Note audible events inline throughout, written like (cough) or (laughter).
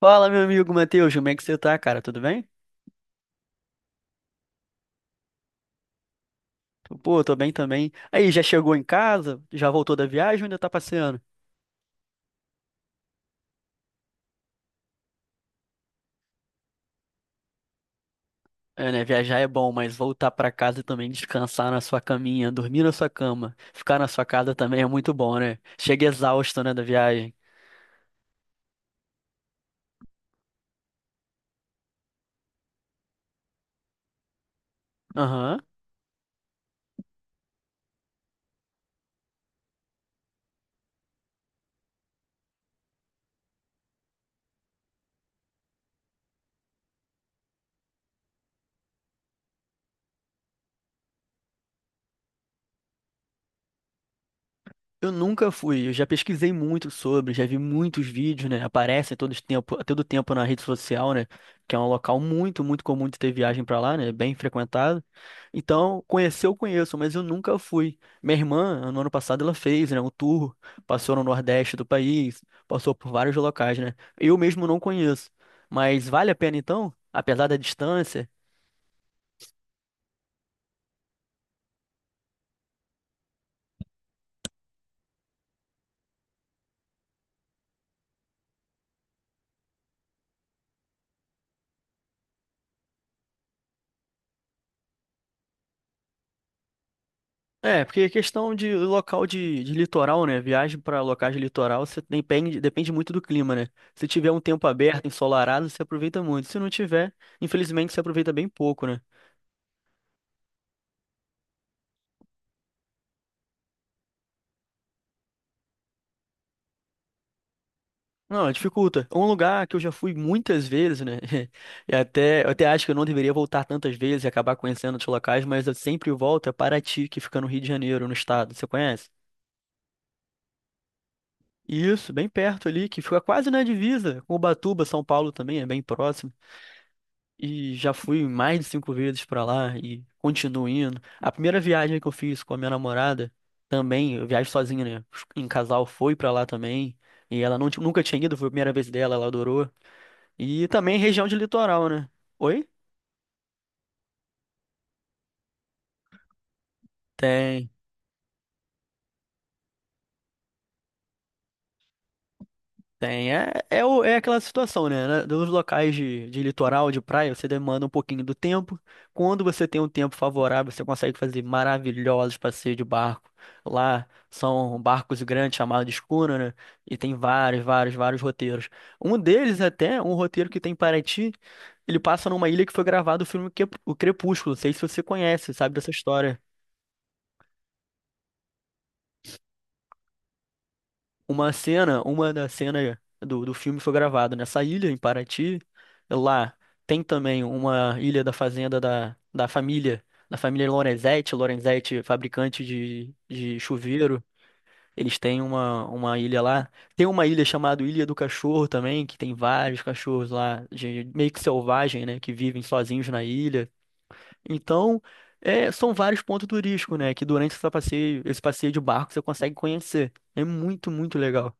Fala, meu amigo Matheus, como é que você tá, cara? Tudo bem? Pô, tô bem também. Aí, já chegou em casa? Já voltou da viagem ou ainda tá passeando? É, né? Viajar é bom, mas voltar pra casa e também descansar na sua caminha, dormir na sua cama, ficar na sua casa também é muito bom, né? Chega exausto, né, da viagem. Aham. Eu nunca fui, eu já pesquisei muito sobre, já vi muitos vídeos, né? Aparecem todo esse tempo, a todo tempo na rede social, né? Que é um local muito, muito comum de ter viagem pra lá, né? Bem frequentado. Então, conhecer eu conheço, mas eu nunca fui. Minha irmã, no ano passado, ela fez, né, um tour, passou no Nordeste do país, passou por vários locais, né? Eu mesmo não conheço. Mas vale a pena então, apesar da distância? É, porque é questão de local de litoral, né? Viagem para locais de litoral, você depende, depende muito do clima, né? Se tiver um tempo aberto, ensolarado, você aproveita muito. Se não tiver, infelizmente, você aproveita bem pouco, né? Não, dificulta. Um lugar que eu já fui muitas vezes, né? (laughs) E até, eu até acho que eu não deveria voltar tantas vezes e acabar conhecendo outros locais, mas eu sempre volto a Paraty, que fica no Rio de Janeiro, no estado. Você conhece? Isso, bem perto ali, que fica quase na divisa com Ubatuba, São Paulo também, é bem próximo. E já fui mais de cinco vezes pra lá e continuo indo. A primeira viagem que eu fiz com a minha namorada, também, eu viajo sozinho, né? Em casal, foi pra lá também. E ela não, nunca tinha ido, foi a primeira vez dela, ela adorou. E também região de litoral, né? Oi? Tem, tem. É aquela situação, né? Nos locais de litoral, de praia, você demanda um pouquinho do tempo. Quando você tem um tempo favorável, você consegue fazer maravilhosos passeios de barco. Lá são barcos grandes chamados de escuna, né? E tem vários, vários, vários roteiros. Um deles até, um roteiro que tem em Paraty, ele passa numa ilha que foi gravado o filme O Crepúsculo. Não sei se você conhece, sabe dessa história. Uma cena, uma da cena do filme foi gravada nessa ilha, em Paraty. Lá tem também uma ilha da fazenda da família Lorenzetti, Lorenzetti, fabricante de chuveiro. Eles têm uma ilha lá. Tem uma ilha chamada Ilha do Cachorro também, que tem vários cachorros lá, meio que selvagem, né, que vivem sozinhos na ilha. Então, são vários pontos turísticos, né, que durante esse passeio de barco você consegue conhecer. É muito, muito legal.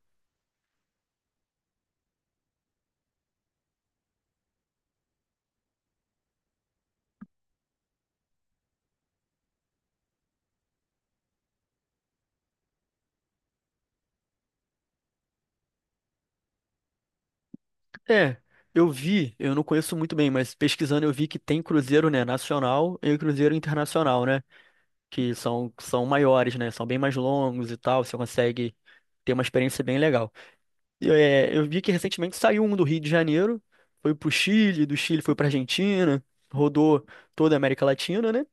É, eu vi, eu não conheço muito bem, mas pesquisando eu vi que tem cruzeiro, né, nacional e cruzeiro internacional, né, que são maiores, né, são bem mais longos e tal, você consegue ter uma experiência bem legal. E, eu vi que recentemente saiu um do Rio de Janeiro, foi pro Chile, do Chile foi pra Argentina, rodou toda a América Latina, né,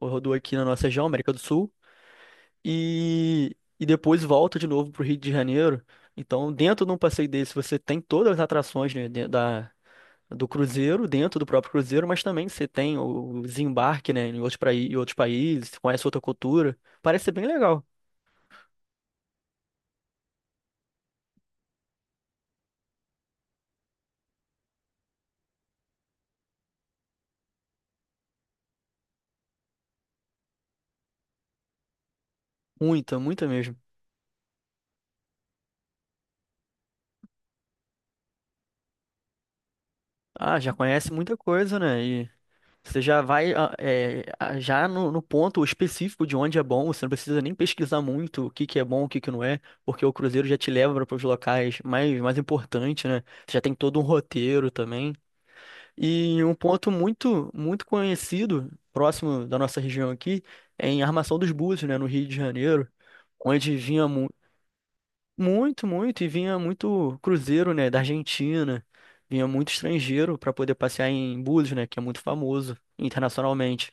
rodou aqui na nossa região, América do Sul, e depois volta de novo pro Rio de Janeiro. Então, dentro de um passeio desse, você tem todas as atrações, né, do cruzeiro, dentro do próprio cruzeiro, mas também você tem o desembarque, né, em outros países, você conhece outra cultura. Parece ser bem legal. Muita, muita mesmo. Ah, já conhece muita coisa, né? E você já vai já no ponto específico de onde é bom, você não precisa nem pesquisar muito o que que é bom, o que que não é, porque o cruzeiro já te leva para os locais mais, mais importantes, né? Você já tem todo um roteiro também. E um ponto muito, muito conhecido, próximo da nossa região aqui, é em Armação dos Búzios, né, no Rio de Janeiro, onde vinha muito, muito, e vinha muito cruzeiro, né, da Argentina, vinha muito estrangeiro para poder passear em Búzios, né, que é muito famoso internacionalmente.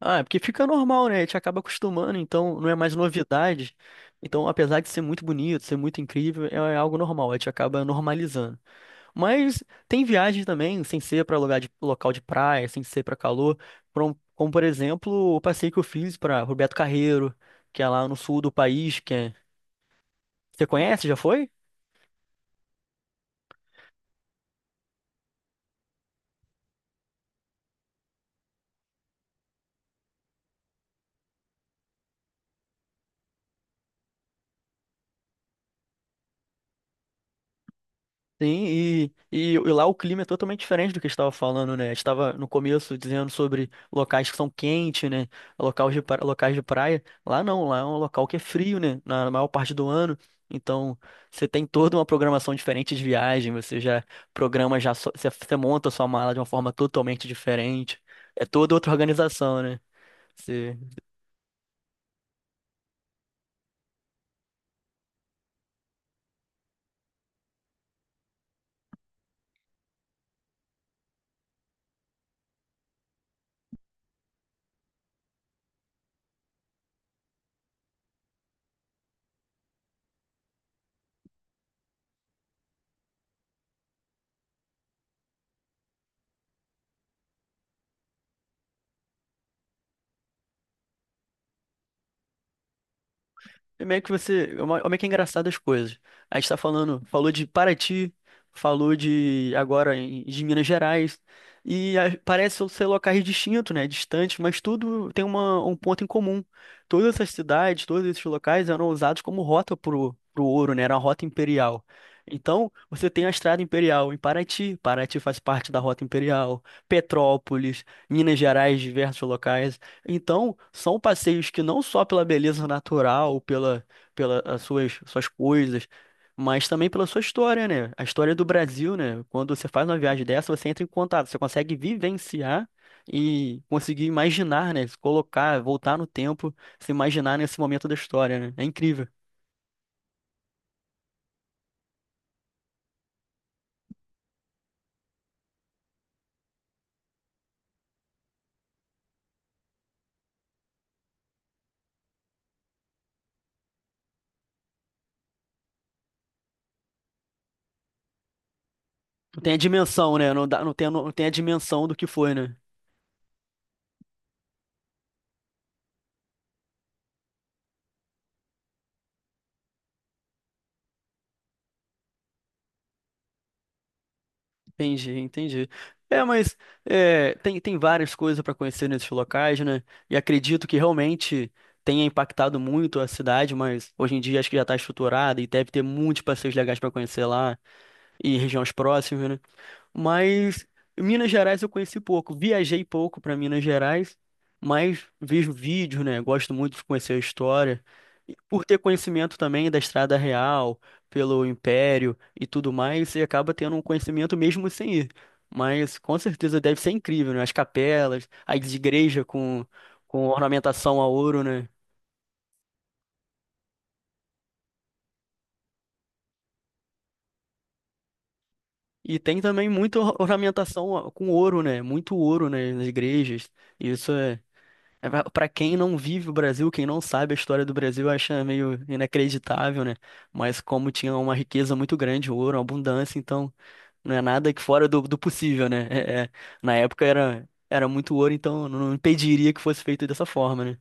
Ah, é porque fica normal, né, a gente acaba acostumando, então não é mais novidade. Então, apesar de ser muito bonito, ser muito incrível, é algo normal, a gente acaba normalizando. Mas tem viagens também, sem ser para lugar de local de praia, sem ser para calor, como por exemplo o passeio que eu fiz para Roberto Carreiro, que é lá no sul do país, que é... Você conhece? Já foi? Sim, e lá o clima é totalmente diferente do que a gente estava falando, né? A gente estava no começo dizendo sobre locais que são quentes, né? Locais de, locais de praia. Lá não, lá é um local que é frio, né? Na maior parte do ano. Então, você tem toda uma programação diferente de viagem, você já programa, você monta a sua mala de uma forma totalmente diferente. É toda outra organização, né? É meio que você. É meio que é engraçado as coisas. A gente falou de Paraty, falou de agora de Minas Gerais. E parece ser locais distintos, né? Distantes, mas tudo tem um ponto em comum. Todas essas cidades, todos esses locais eram usados como rota pro ouro, né? Era uma rota imperial. Então, você tem a Estrada Imperial em Paraty, Paraty faz parte da Rota Imperial, Petrópolis, Minas Gerais, diversos locais. Então, são passeios que não só pela beleza natural, pela as suas coisas, mas também pela sua história, né? A história do Brasil, né? Quando você faz uma viagem dessa, você entra em contato, você consegue vivenciar e conseguir imaginar, né? Se colocar, voltar no tempo, se imaginar nesse momento da história, né? É incrível. Não tem a dimensão, né? Não dá, não tem a dimensão do que foi, né? Entendi, entendi. É, mas tem várias coisas para conhecer nesses locais, né? E acredito que realmente tenha impactado muito a cidade, mas hoje em dia acho que já está estruturada e deve ter muitos passeios legais para conhecer lá e regiões próximas, né? Mas Minas Gerais eu conheci pouco. Viajei pouco para Minas Gerais, mas vejo vídeos, né? Gosto muito de conhecer a história. E por ter conhecimento também da Estrada Real, pelo Império e tudo mais, você acaba tendo um conhecimento mesmo sem ir. Mas com certeza deve ser incrível, né? As capelas, as igrejas com ornamentação a ouro, né? E tem também muita ornamentação com ouro, né? Muito ouro, né? Nas igrejas. Isso é. Para quem não vive o Brasil, quem não sabe a história do Brasil, acha meio inacreditável, né? Mas como tinha uma riqueza muito grande, ouro, uma abundância, então não é nada que fora do possível, né? Na época era muito ouro, então não impediria que fosse feito dessa forma, né?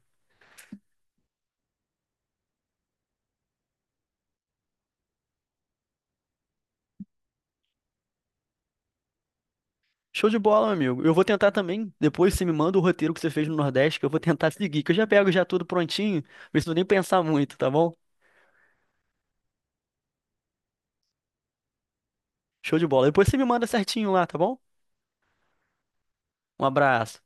Show de bola, meu amigo. Eu vou tentar também. Depois você me manda o roteiro que você fez no Nordeste, que eu vou tentar (laughs) seguir, que eu já pego já tudo prontinho, não preciso nem pensar muito, tá bom? Show de bola. Depois você me manda certinho lá, tá bom? Um abraço.